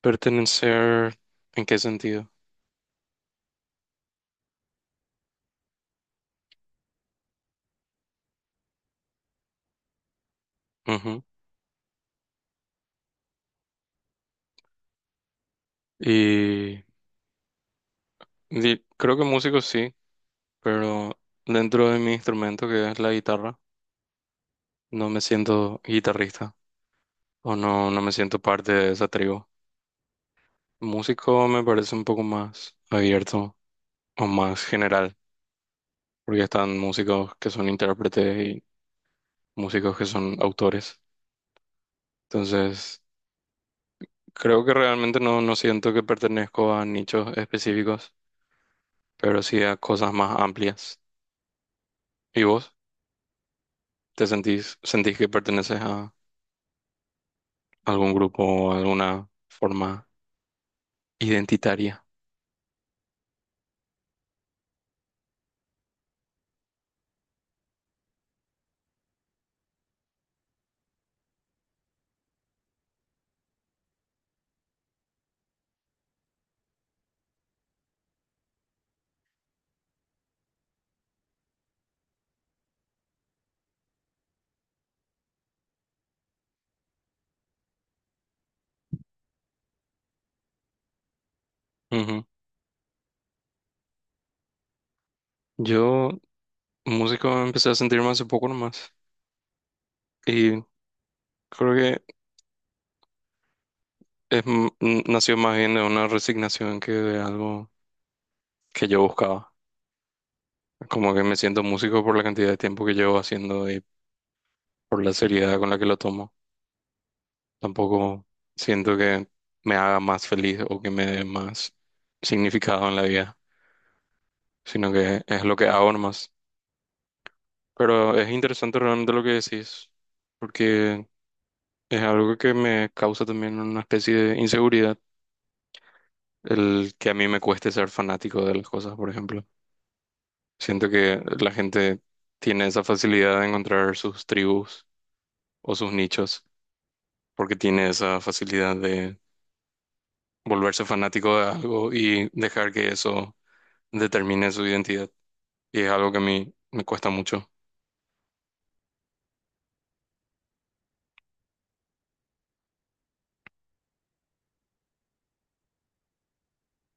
Pertenecer, ¿en qué sentido? Ujú. Y, Creo que músico sí, pero dentro de mi instrumento, que es la guitarra, no me siento guitarrista o no me siento parte de esa tribu. Músico me parece un poco más abierto o más general, porque están músicos que son intérpretes y músicos que son autores. Entonces, creo que realmente no siento que pertenezco a nichos específicos, pero sí a cosas más amplias. ¿Y vos? ¿Te sentís, sentís que perteneces a algún grupo o alguna forma identitaria? Ujú. Yo, músico, empecé a sentirme hace poco nomás. Y creo que nació más bien de una resignación que de algo que yo buscaba. Como que me siento músico por la cantidad de tiempo que llevo haciendo y por la seriedad con la que lo tomo. Tampoco siento que me haga más feliz o que me dé más significado en la vida, sino que es lo que hago nomás. Pero es interesante realmente lo que decís, porque es algo que me causa también una especie de inseguridad, el que a mí me cueste ser fanático de las cosas, por ejemplo. Siento que la gente tiene esa facilidad de encontrar sus tribus o sus nichos, porque tiene esa facilidad de volverse fanático de algo y dejar que eso determine su identidad. Y es algo que a mí me cuesta mucho.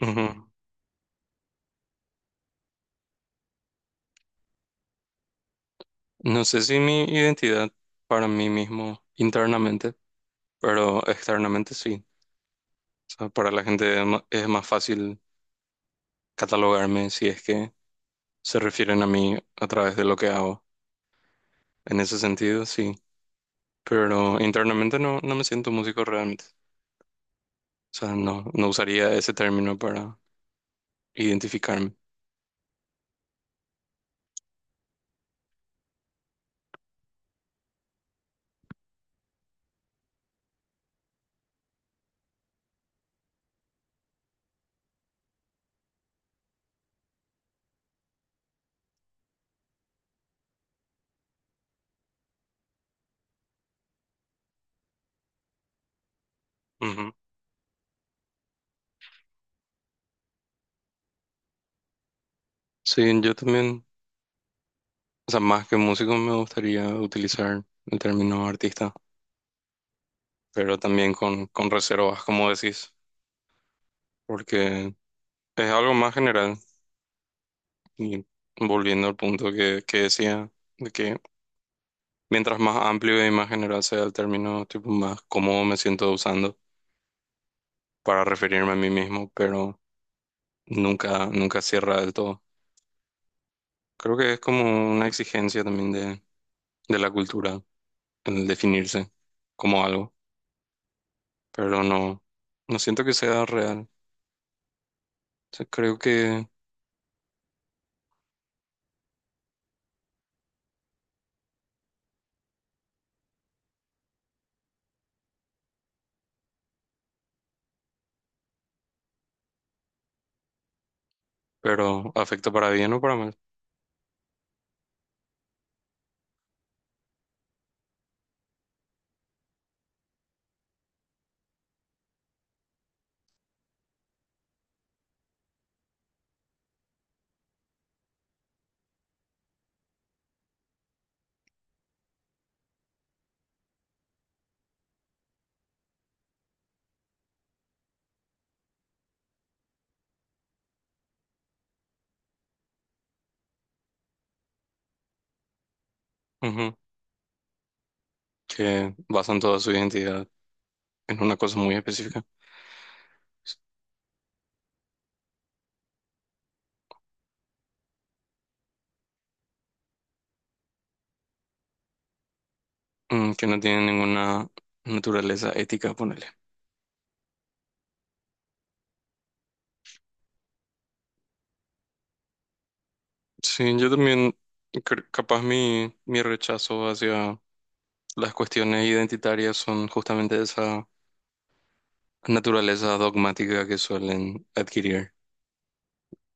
Ujú. No sé si mi identidad para mí mismo internamente, pero externamente sí. O sea, para la gente es es más fácil catalogarme si es que se refieren a mí a través de lo que hago. En ese sentido, sí. Pero internamente no me siento músico realmente. O sea, no usaría ese término para identificarme. Ujú. Sí, yo también, o sea, más que músico me gustaría utilizar el término artista, pero también con reservas, como decís, porque es algo más general. Y volviendo al punto que decía, de que mientras más amplio y más general sea el término, tipo más cómodo me siento usando para referirme a mí mismo, pero nunca cierra del todo. Creo que es como una exigencia también de la cultura, el definirse como algo, pero no siento que sea real. O sea, creo que, pero afecta para bien o para mal. Ujú. Que basan toda su identidad en una cosa muy específica, mm, que no tiene ninguna naturaleza ética, ponerle. Sí, yo también, capaz mi rechazo hacia las cuestiones identitarias son justamente de esa naturaleza dogmática que suelen adquirir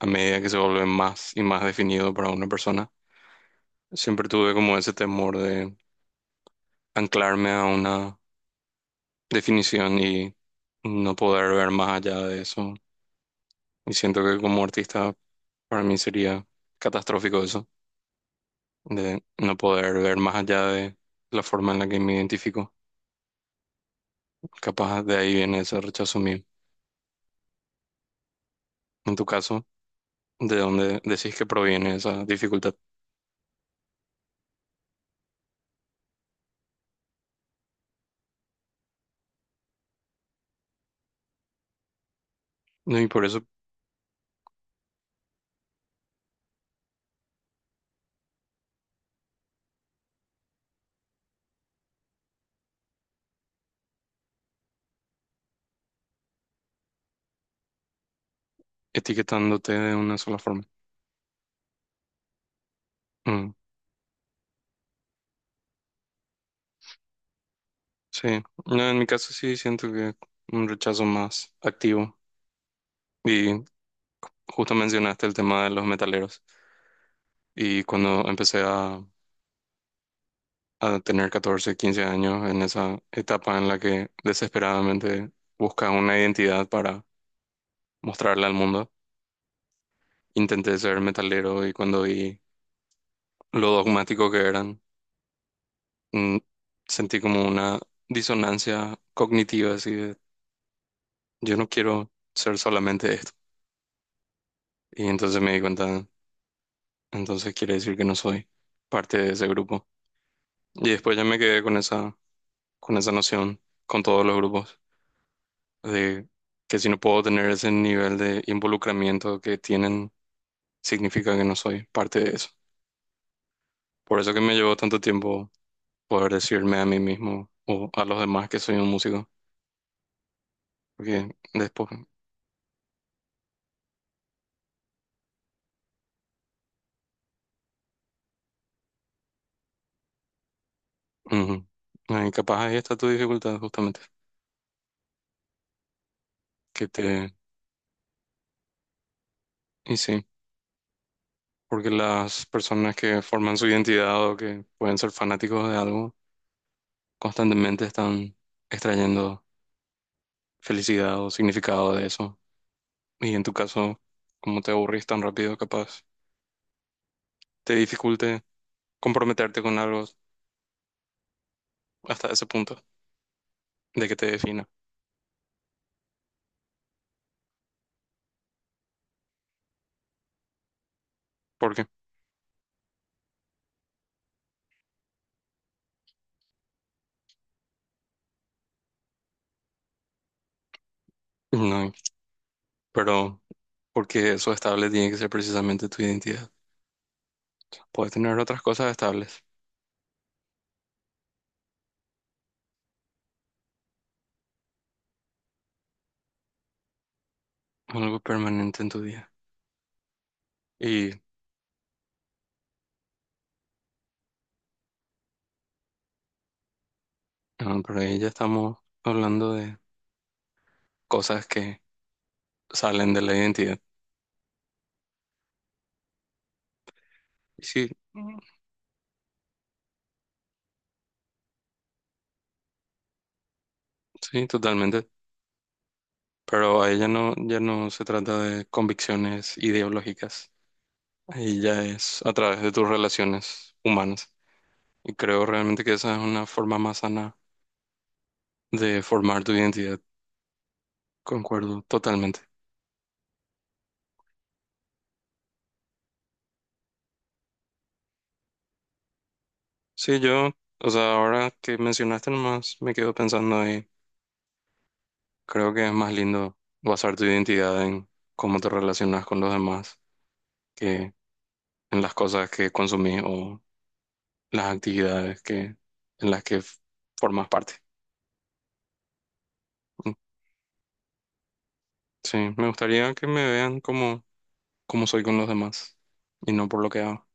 a medida que se vuelve más y más definido para una persona. Siempre tuve como ese temor de anclarme a una definición y no poder ver más allá de eso. Y siento que como artista para mí sería catastrófico eso, de no poder ver más allá de la forma en la que me identifico. Capaz de ahí viene ese rechazo mío. En tu caso, ¿de dónde decís que proviene esa dificultad? No, y por eso etiquetándote de una sola forma. Mm, sí, no, en mi caso sí siento que un rechazo más activo. Y justo mencionaste el tema de los metaleros. Y cuando a tener 14, 15 años, en esa etapa en la que desesperadamente buscas una identidad para mostrarla al mundo, intenté ser metalero y cuando vi lo dogmático que eran, mm, sentí como una disonancia cognitiva, así de, yo no quiero ser solamente esto. Y entonces me di cuenta, entonces quiere decir que no soy parte de ese grupo. Y después ya me quedé con con esa noción, con todos los grupos, de que si no puedo tener ese nivel de involucramiento que tienen, significa que no soy parte de eso. Por eso que me llevó tanto tiempo poder decirme a mí mismo o a los demás que soy un músico, porque después... Ujú. Ay, capaz ahí está tu dificultad justamente, que te... Y sí, porque las personas que forman su identidad o que pueden ser fanáticos de algo, constantemente están extrayendo felicidad o significado de eso. Y en tu caso, como te aburrís tan rápido, capaz te dificulte comprometerte con algo hasta ese punto de que te defina. ¿Por qué? No, pero porque eso estable tiene que ser precisamente tu identidad. Puedes tener otras cosas estables, algo permanente en tu día. Y no, pero ahí ya estamos hablando de cosas que salen de la identidad. Y sí, mm, sí, totalmente. Pero ahí ya ya no se trata de convicciones ideológicas. Ahí ya es a través de tus relaciones humanas. Y creo realmente que esa es una forma más sana de formar tu identidad. Concuerdo totalmente. Sí, yo, o sea, ahora que mencionaste nomás, me quedo pensando ahí. Creo que es más lindo basar tu identidad en cómo te relacionas con los demás, que en las cosas que consumís o las actividades en las formas parte. Mm. Sí, me gustaría que me vean como soy con los demás y no por lo que hago.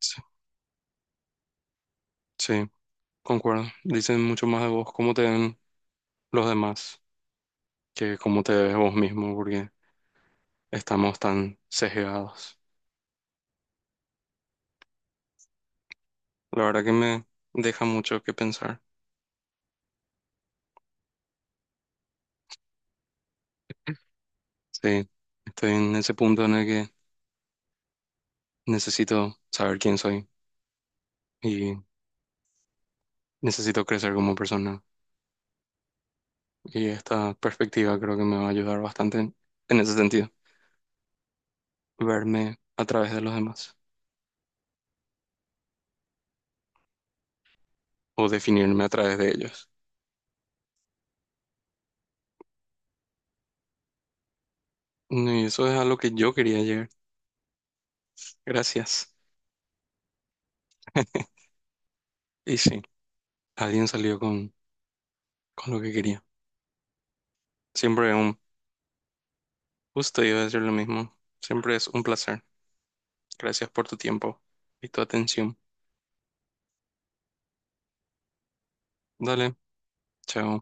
Sí, sí, concuerdo. Dicen mucho más de vos cómo te ven los demás que cómo te ves vos mismo, porque estamos tan sesgados. La verdad que me deja mucho que pensar. Sí, estoy en ese punto en el que necesito saber quién soy y necesito crecer como persona. Y esta perspectiva creo que me va a ayudar bastante en ese sentido, verme a través de los demás o definirme a través de ellos. Mm, y eso es a lo que yo quería llegar. Gracias. Y sí, alguien salió con lo que quería. Siempre un gusto, iba a decir lo mismo. Siempre es un placer. Gracias por tu tiempo y tu atención. Dale, chao.